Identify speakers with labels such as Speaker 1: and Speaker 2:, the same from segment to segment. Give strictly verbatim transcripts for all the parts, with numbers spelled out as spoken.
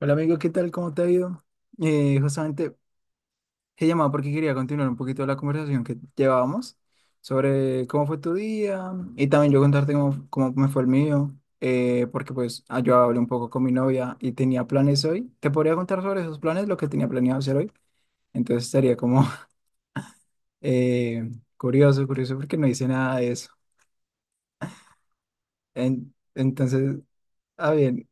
Speaker 1: Hola amigo, ¿qué tal? ¿Cómo te ha ido? Eh, justamente he llamado porque quería continuar un poquito la conversación que llevábamos sobre cómo fue tu día y también yo contarte cómo, cómo me fue el mío, eh, porque pues ah, yo hablé un poco con mi novia y tenía planes hoy. Te podría contar sobre esos planes, lo que tenía planeado hacer hoy. Entonces estaría como eh, curioso, curioso porque no hice nada de eso. En- entonces, ah bien,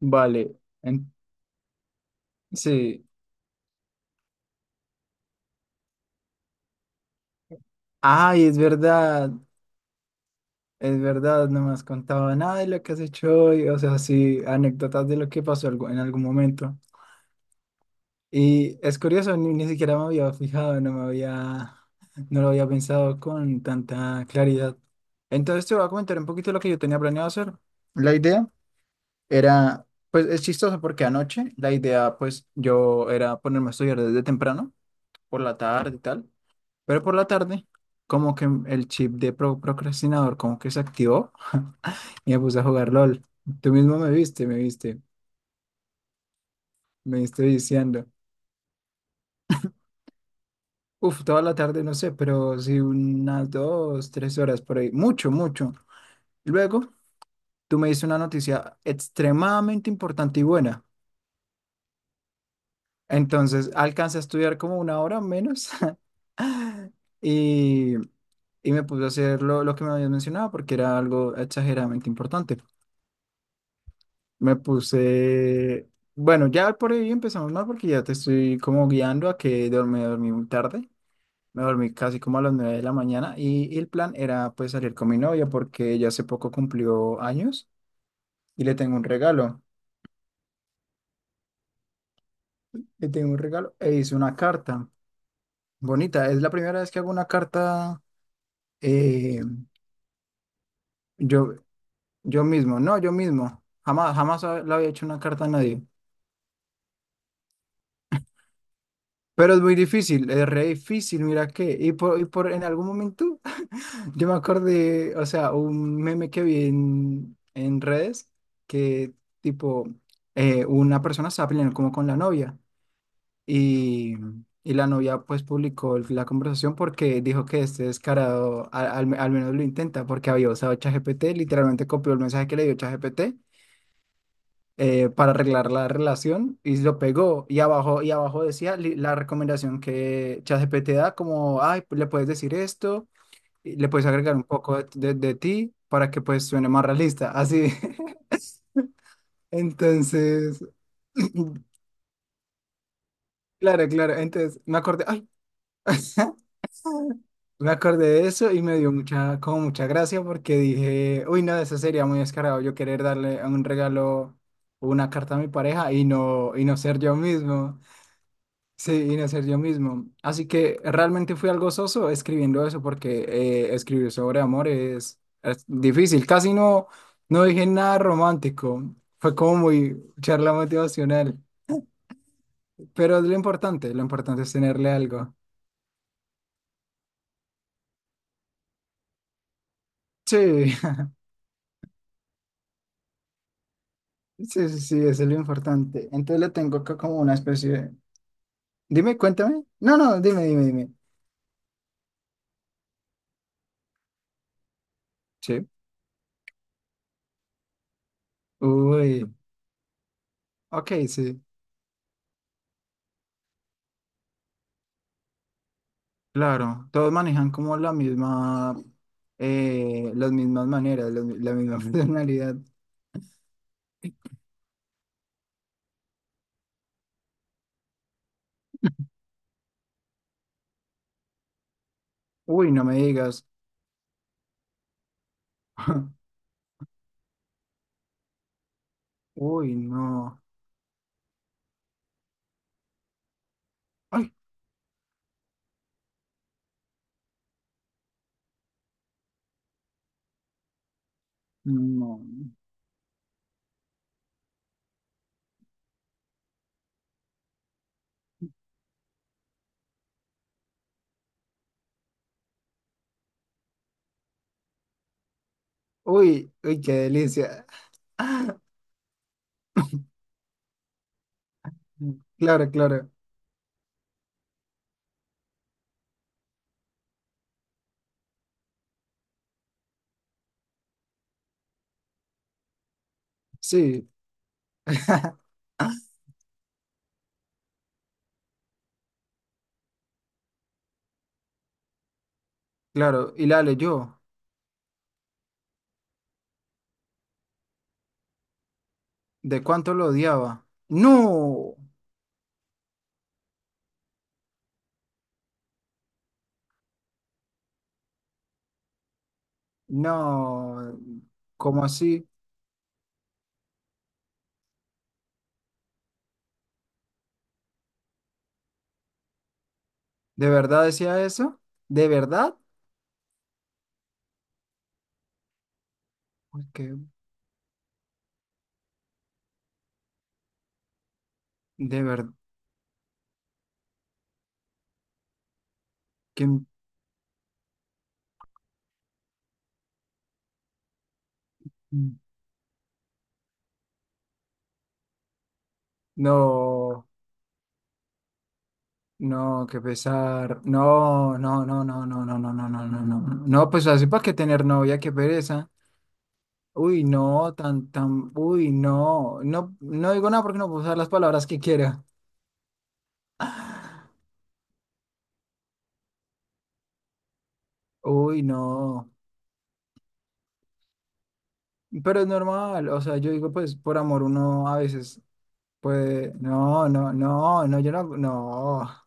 Speaker 1: vale. En- sí. Ay, es verdad. Es verdad, no me has contado nada de lo que has hecho hoy, o sea, sí, anécdotas de lo que pasó algo- en algún momento. Y es curioso, ni, ni siquiera me había fijado, no me había, no lo había pensado con tanta claridad. Entonces te voy a comentar un poquito lo que yo tenía planeado hacer. La idea era, pues es chistoso porque anoche la idea, pues yo era ponerme a estudiar desde temprano, por la tarde y tal, pero por la tarde como que el chip de pro- procrastinador como que se activó. Y me puse a jugar LOL. Tú mismo me viste, me viste, me viste viciando. Uf, toda la tarde, no sé, pero sí unas dos, tres horas por ahí. Mucho, mucho. Luego, tú me diste una noticia extremadamente importante y buena. Entonces, alcancé a estudiar como una hora menos y, y me puse a hacer lo, lo que me habías mencionado porque era algo exageradamente importante. Me puse... Bueno, ya por ahí empezamos mal porque ya te estoy como guiando a que dormí, dormí muy tarde. Me dormí casi como a las nueve de la mañana y, y el plan era pues salir con mi novia porque ella hace poco cumplió años y le tengo un regalo. Le tengo un regalo e hice una carta bonita. Es la primera vez que hago una carta eh, yo, yo mismo, no, yo mismo. Jamás, jamás ha- le había hecho una carta a nadie. Pero es muy difícil, es re difícil, mira qué. Y por, y por en algún momento yo me acordé, o sea, un meme que vi en, en redes que tipo eh, una persona estaba peleando como con la novia y, y la novia pues publicó el- la conversación porque dijo que este descarado a- al, al menos lo intenta porque había usado ChatGPT, literalmente copió el mensaje que le dio ChatGPT eh, para arreglar la relación y lo pegó y abajo, y abajo decía li- la recomendación que ChatGPT da como, ay, le puedes decir esto y le puedes agregar un poco de, de- de ti para que pues suene más realista, así. Entonces, claro, claro, entonces me acordé, ay, me acordé de eso y me dio mucha, como mucha gracia porque dije, uy, no, eso sería muy descarado yo querer darle un regalo o una carta a mi pareja y no, y no ser yo mismo. Sí, y no ser yo mismo. Así que realmente fui algo soso escribiendo eso porque eh, escribir sobre amor es, es difícil. Casi no, no dije nada romántico. Fue como muy charla motivacional. Pero es lo importante, lo importante es tenerle algo. Sí, sí, sí, sí, eso es lo importante. Entonces le tengo acá como una especie de... Dime, cuéntame. No, no, dime, dime, dime. Sí. Uy, ok, sí. Claro, todos manejan como la misma, eh, las mismas maneras, la, la misma personalidad. Uy, no me digas. Uy, no. Ay, no. Uy, uy, qué delicia. Claro, claro. Sí, claro. Y la leyó. ¿De cuánto lo odiaba? No, no. ¿Cómo así? ¿De verdad decía eso? ¿De verdad? Uy, qué- de verdad. ¿Quién? No. No, qué pesar. No, no, no, no, no, no, no, no, no, no, no. No, pues así para que tener novia, qué pereza. Uy, no, tan, tan, uy, no. No, no digo nada porque no puedo usar las palabras que quiera. Uy, no. Pero es normal. O sea, yo digo, pues, por amor uno a veces puede. No, no, no, no, yo no, no.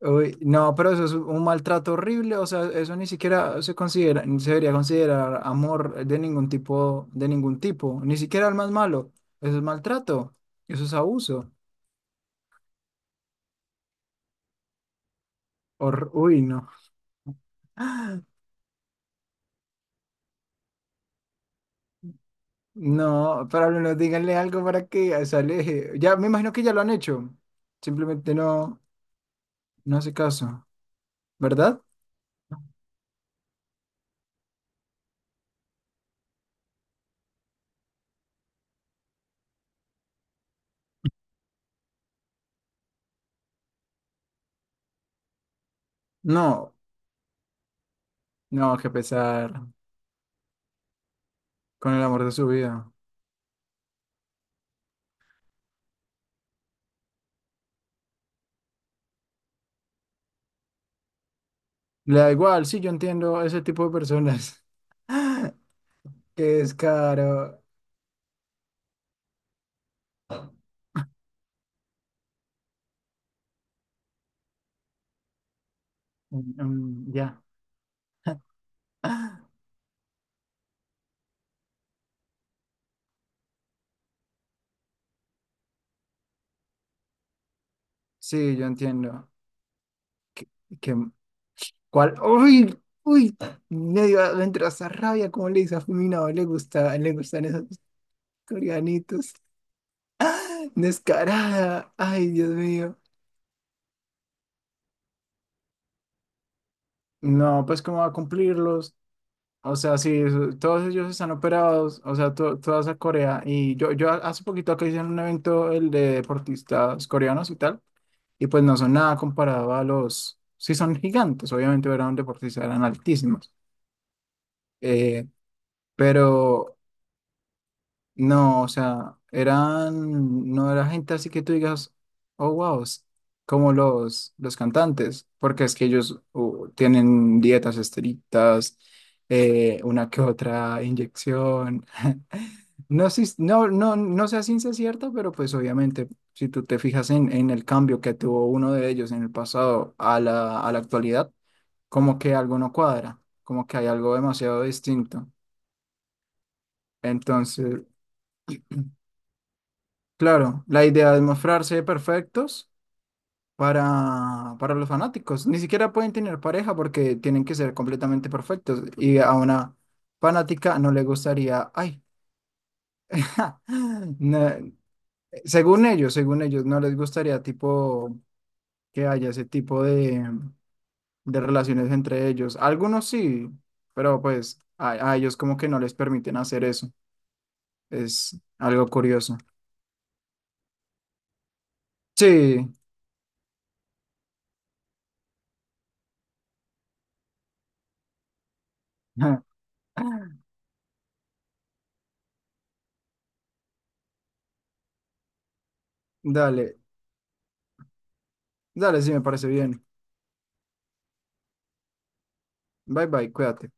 Speaker 1: Uy, no, pero eso es un maltrato horrible, o sea, eso ni siquiera se considera, ni se debería considerar amor de ningún tipo, de ningún tipo, ni siquiera el más malo. Eso es maltrato, eso es abuso. Hor- uy, no. No, pero no, díganle algo para que se aleje. Ya, me imagino que ya lo han hecho. Simplemente no, no hace caso, ¿verdad? No, no, que pesar con el amor de su vida. Le da igual, sí, yo entiendo ese tipo de personas. Qué descaro. Mm, mm, ya. Sí, yo entiendo. Que, que- ¿cuál? ¡Uy! ¡Uy! Medio adentro esa rabia, como le dice a Fulminado, le gusta, le gustan esos coreanitos. Descarada. Ay, Dios mío. No, pues cómo va a cumplirlos. O sea, sí, eso- todos ellos están operados, o sea, to- toda esa Corea. Y yo, yo hace poquito acá hice un evento, el de deportistas coreanos y tal, y pues no son nada comparado a los, sí son gigantes, obviamente eran deportistas, eran altísimos. Eh, pero no, o sea, eran, no era gente así que tú digas, oh, wow, s- como los, los cantantes, porque es que ellos uh, tienen dietas estrictas, eh, una que otra inyección. No, sé- si, no, no, no sé a ciencia cierta, pero pues obviamente, si tú te fijas en, en el cambio que tuvo uno de ellos en el pasado a la, a la actualidad, como que algo no cuadra, como que hay algo demasiado distinto. Entonces... Claro, la idea es mostrarse perfectos para, para los fanáticos. Ni siquiera pueden tener pareja porque tienen que ser completamente perfectos. Y a una fanática no le gustaría, ay, no, según ellos, según ellos, no les gustaría tipo que haya ese tipo de, de relaciones entre ellos. Algunos sí, pero pues a, a ellos como que no les permiten hacer eso. Es algo curioso. Sí, dale, dale, sí me parece bien. Bye bye, cuídate.